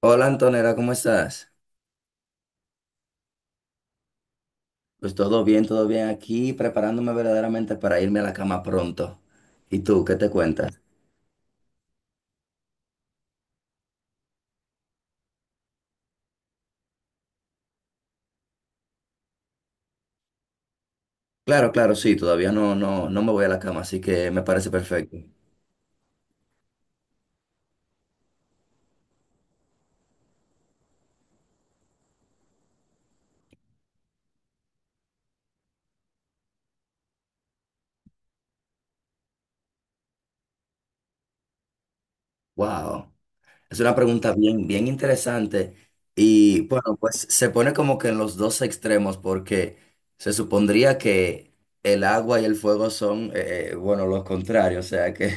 Hola Antonella, ¿cómo estás? Pues todo bien aquí, preparándome verdaderamente para irme a la cama pronto. ¿Y tú, qué te cuentas? Claro, claro, sí, todavía no me voy a la cama, así que me parece perfecto. Wow, es una pregunta bien, bien interesante y bueno, pues se pone como que en los dos extremos porque se supondría que el agua y el fuego son, bueno, los contrarios, o sea que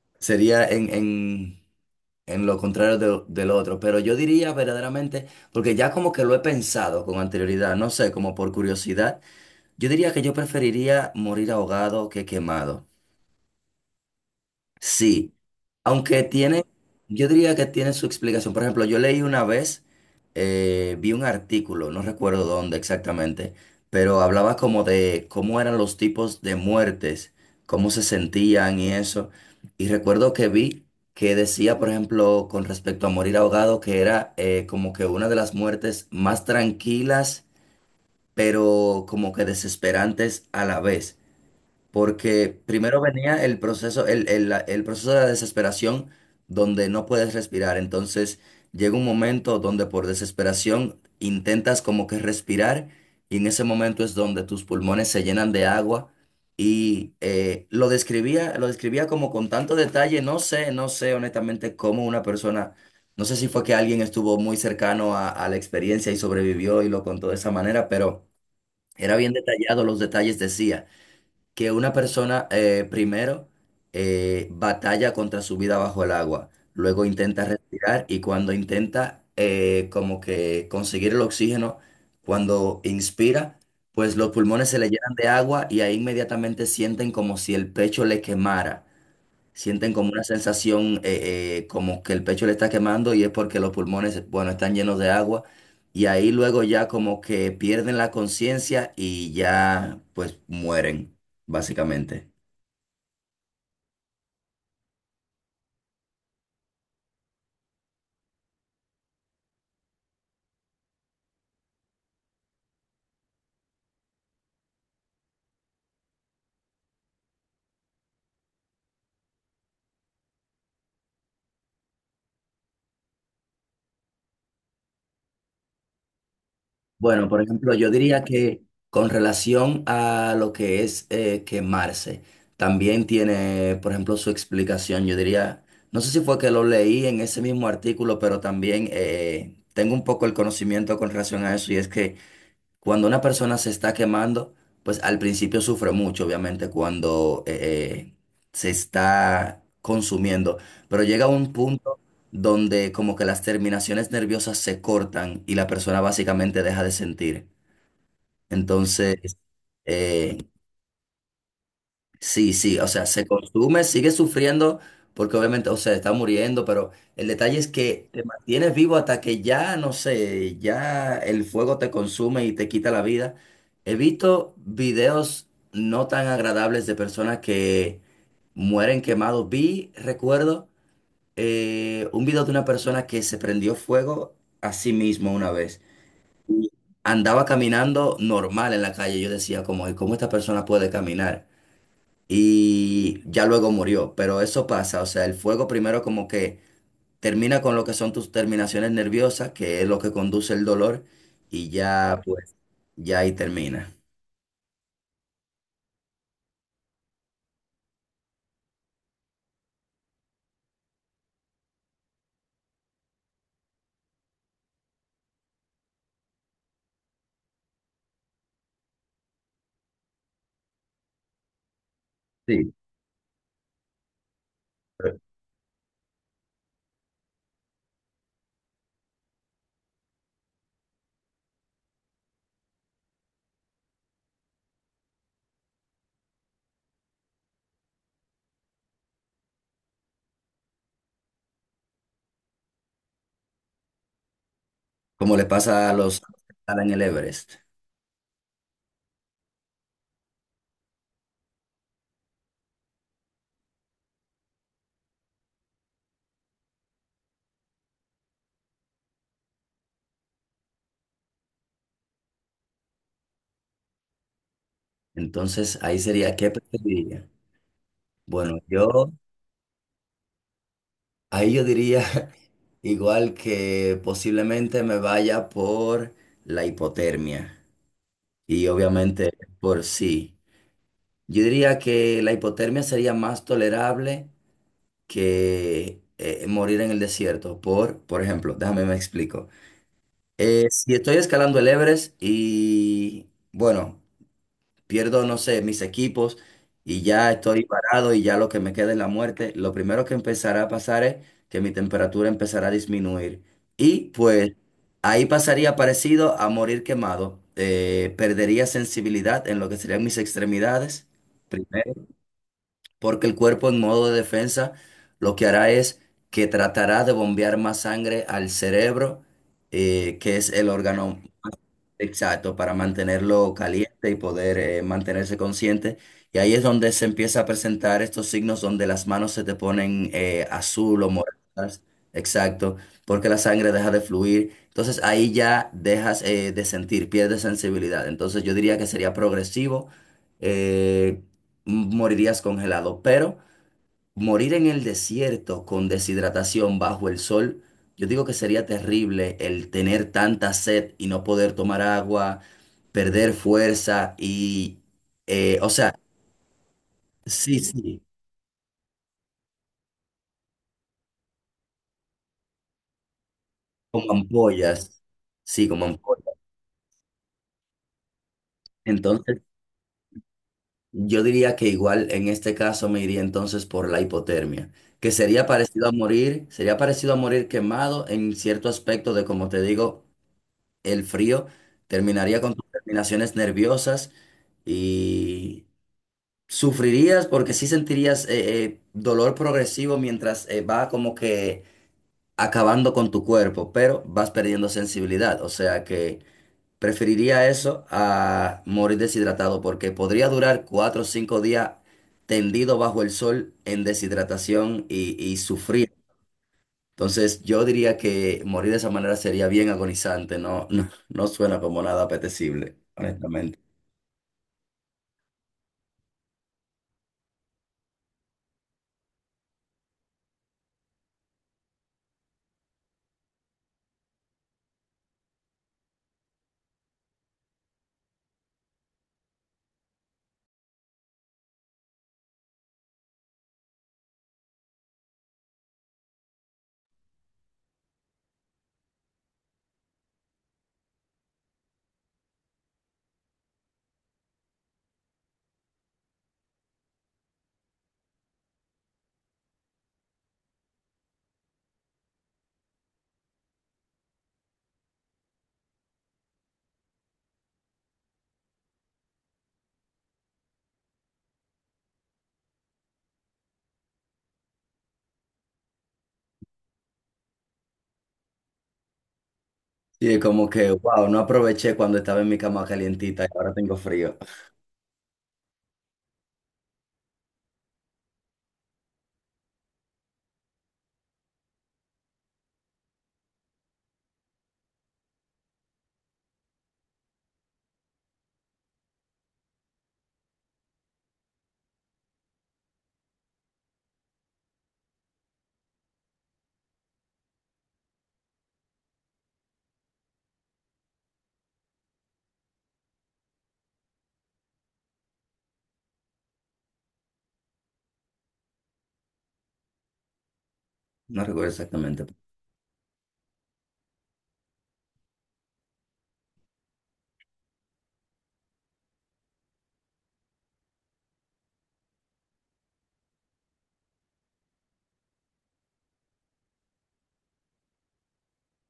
sería en lo contrario del otro, pero yo diría verdaderamente, porque ya como que lo he pensado con anterioridad, no sé, como por curiosidad, yo diría que yo preferiría morir ahogado que quemado. Sí, aunque tiene, yo diría que tiene su explicación. Por ejemplo, yo leí una vez, vi un artículo, no recuerdo dónde exactamente, pero hablaba como de cómo eran los tipos de muertes, cómo se sentían y eso. Y recuerdo que vi que decía, por ejemplo, con respecto a morir ahogado, que era como que una de las muertes más tranquilas, pero como que desesperantes a la vez. Porque primero venía el proceso, el proceso de la desesperación donde no puedes respirar. Entonces llega un momento donde por desesperación intentas como que respirar y en ese momento es donde tus pulmones se llenan de agua. Y lo describía como con tanto detalle, no sé, no sé honestamente cómo una persona, no sé si fue que alguien estuvo muy cercano a la experiencia y sobrevivió y lo contó de esa manera, pero era bien detallado, los detalles decía que una persona primero batalla contra su vida bajo el agua, luego intenta respirar y cuando intenta como que conseguir el oxígeno, cuando inspira, pues los pulmones se le llenan de agua y ahí inmediatamente sienten como si el pecho le quemara. Sienten como una sensación como que el pecho le está quemando y es porque los pulmones, bueno, están llenos de agua. Y ahí luego ya como que pierden la conciencia y ya pues mueren, básicamente. Bueno, por ejemplo, yo diría que con relación a lo que es quemarse, también tiene, por ejemplo, su explicación. Yo diría, no sé si fue que lo leí en ese mismo artículo, pero también tengo un poco el conocimiento con relación a eso y es que cuando una persona se está quemando, pues al principio sufre mucho, obviamente, cuando se está consumiendo, pero llega un punto donde como que las terminaciones nerviosas se cortan y la persona básicamente deja de sentir. Entonces, eh, sí, sí, o sea, se consume, sigue sufriendo, porque obviamente, o sea, está muriendo, pero el detalle es que te mantienes vivo hasta que ya, no sé, ya el fuego te consume y te quita la vida. He visto videos no tan agradables de personas que mueren quemados. Vi, recuerdo, un video de una persona que se prendió fuego a sí mismo una vez. Y andaba caminando normal en la calle. Yo decía, como, ¿y cómo esta persona puede caminar? Y ya luego murió. Pero eso pasa, o sea, el fuego primero como que termina con lo que son tus terminaciones nerviosas, que es lo que conduce el dolor, y ya pues, ya ahí termina. Sí. Como le pasa a los que escalan en el Everest. Entonces ahí sería, ¿qué preferiría? Bueno, yo, ahí yo diría igual que posiblemente me vaya por la hipotermia y obviamente por sí. Yo diría que la hipotermia sería más tolerable que morir en el desierto por ejemplo, déjame me explico. Si estoy escalando el Everest y, bueno, pierdo, no sé, mis equipos y ya estoy parado y ya lo que me queda es la muerte, lo primero que empezará a pasar es que mi temperatura empezará a disminuir. Y pues ahí pasaría parecido a morir quemado. Perdería sensibilidad en lo que serían mis extremidades. Primero porque el cuerpo en modo de defensa lo que hará es que tratará de bombear más sangre al cerebro, que es el órgano. Exacto, para mantenerlo caliente y poder mantenerse consciente. Y ahí es donde se empieza a presentar estos signos donde las manos se te ponen azul o moradas. Exacto, porque la sangre deja de fluir. Entonces ahí ya dejas de sentir, pierdes sensibilidad. Entonces yo diría que sería progresivo, eh, morirías congelado, pero... Morir en el desierto con deshidratación bajo el sol, yo digo que sería terrible el tener tanta sed y no poder tomar agua, perder fuerza y, o sea, sí, sí, como ampollas, sí, como ampollas. Entonces, yo diría que igual en este caso me iría entonces por la hipotermia, que sería parecido a morir, sería parecido a morir quemado en cierto aspecto de, como te digo, el frío terminaría con tus terminaciones nerviosas y sufrirías porque sí sentirías dolor progresivo mientras va como que acabando con tu cuerpo, pero vas perdiendo sensibilidad. O sea que preferiría eso a morir deshidratado porque podría durar 4 o 5 días tendido bajo el sol en deshidratación y sufrir. Entonces yo diría que morir de esa manera sería bien agonizante, no suena como nada apetecible, honestamente. Y es como que, wow, no aproveché cuando estaba en mi cama calientita y ahora tengo frío. No recuerdo exactamente.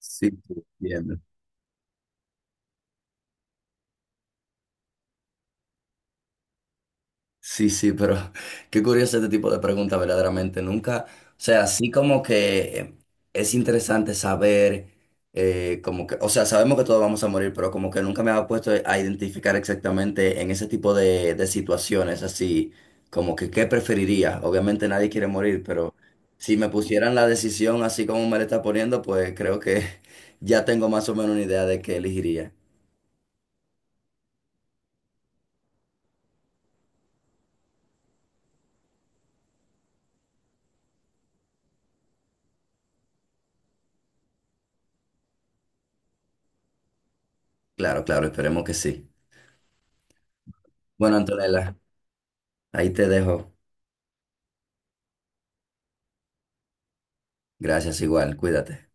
Sí, sí, bien. Sí, sí, pero qué curioso este tipo de preguntas, verdaderamente. Nunca, o sea, así como que es interesante saber, como que, o sea, sabemos que todos vamos a morir, pero como que nunca me había puesto a identificar exactamente en ese tipo de situaciones, así como que qué preferiría. Obviamente nadie quiere morir, pero si me pusieran la decisión así como me la está poniendo, pues creo que ya tengo más o menos una idea de qué elegiría. Claro, claro, esperemos que sí. Bueno, Antonella, ahí te dejo. Gracias igual, cuídate.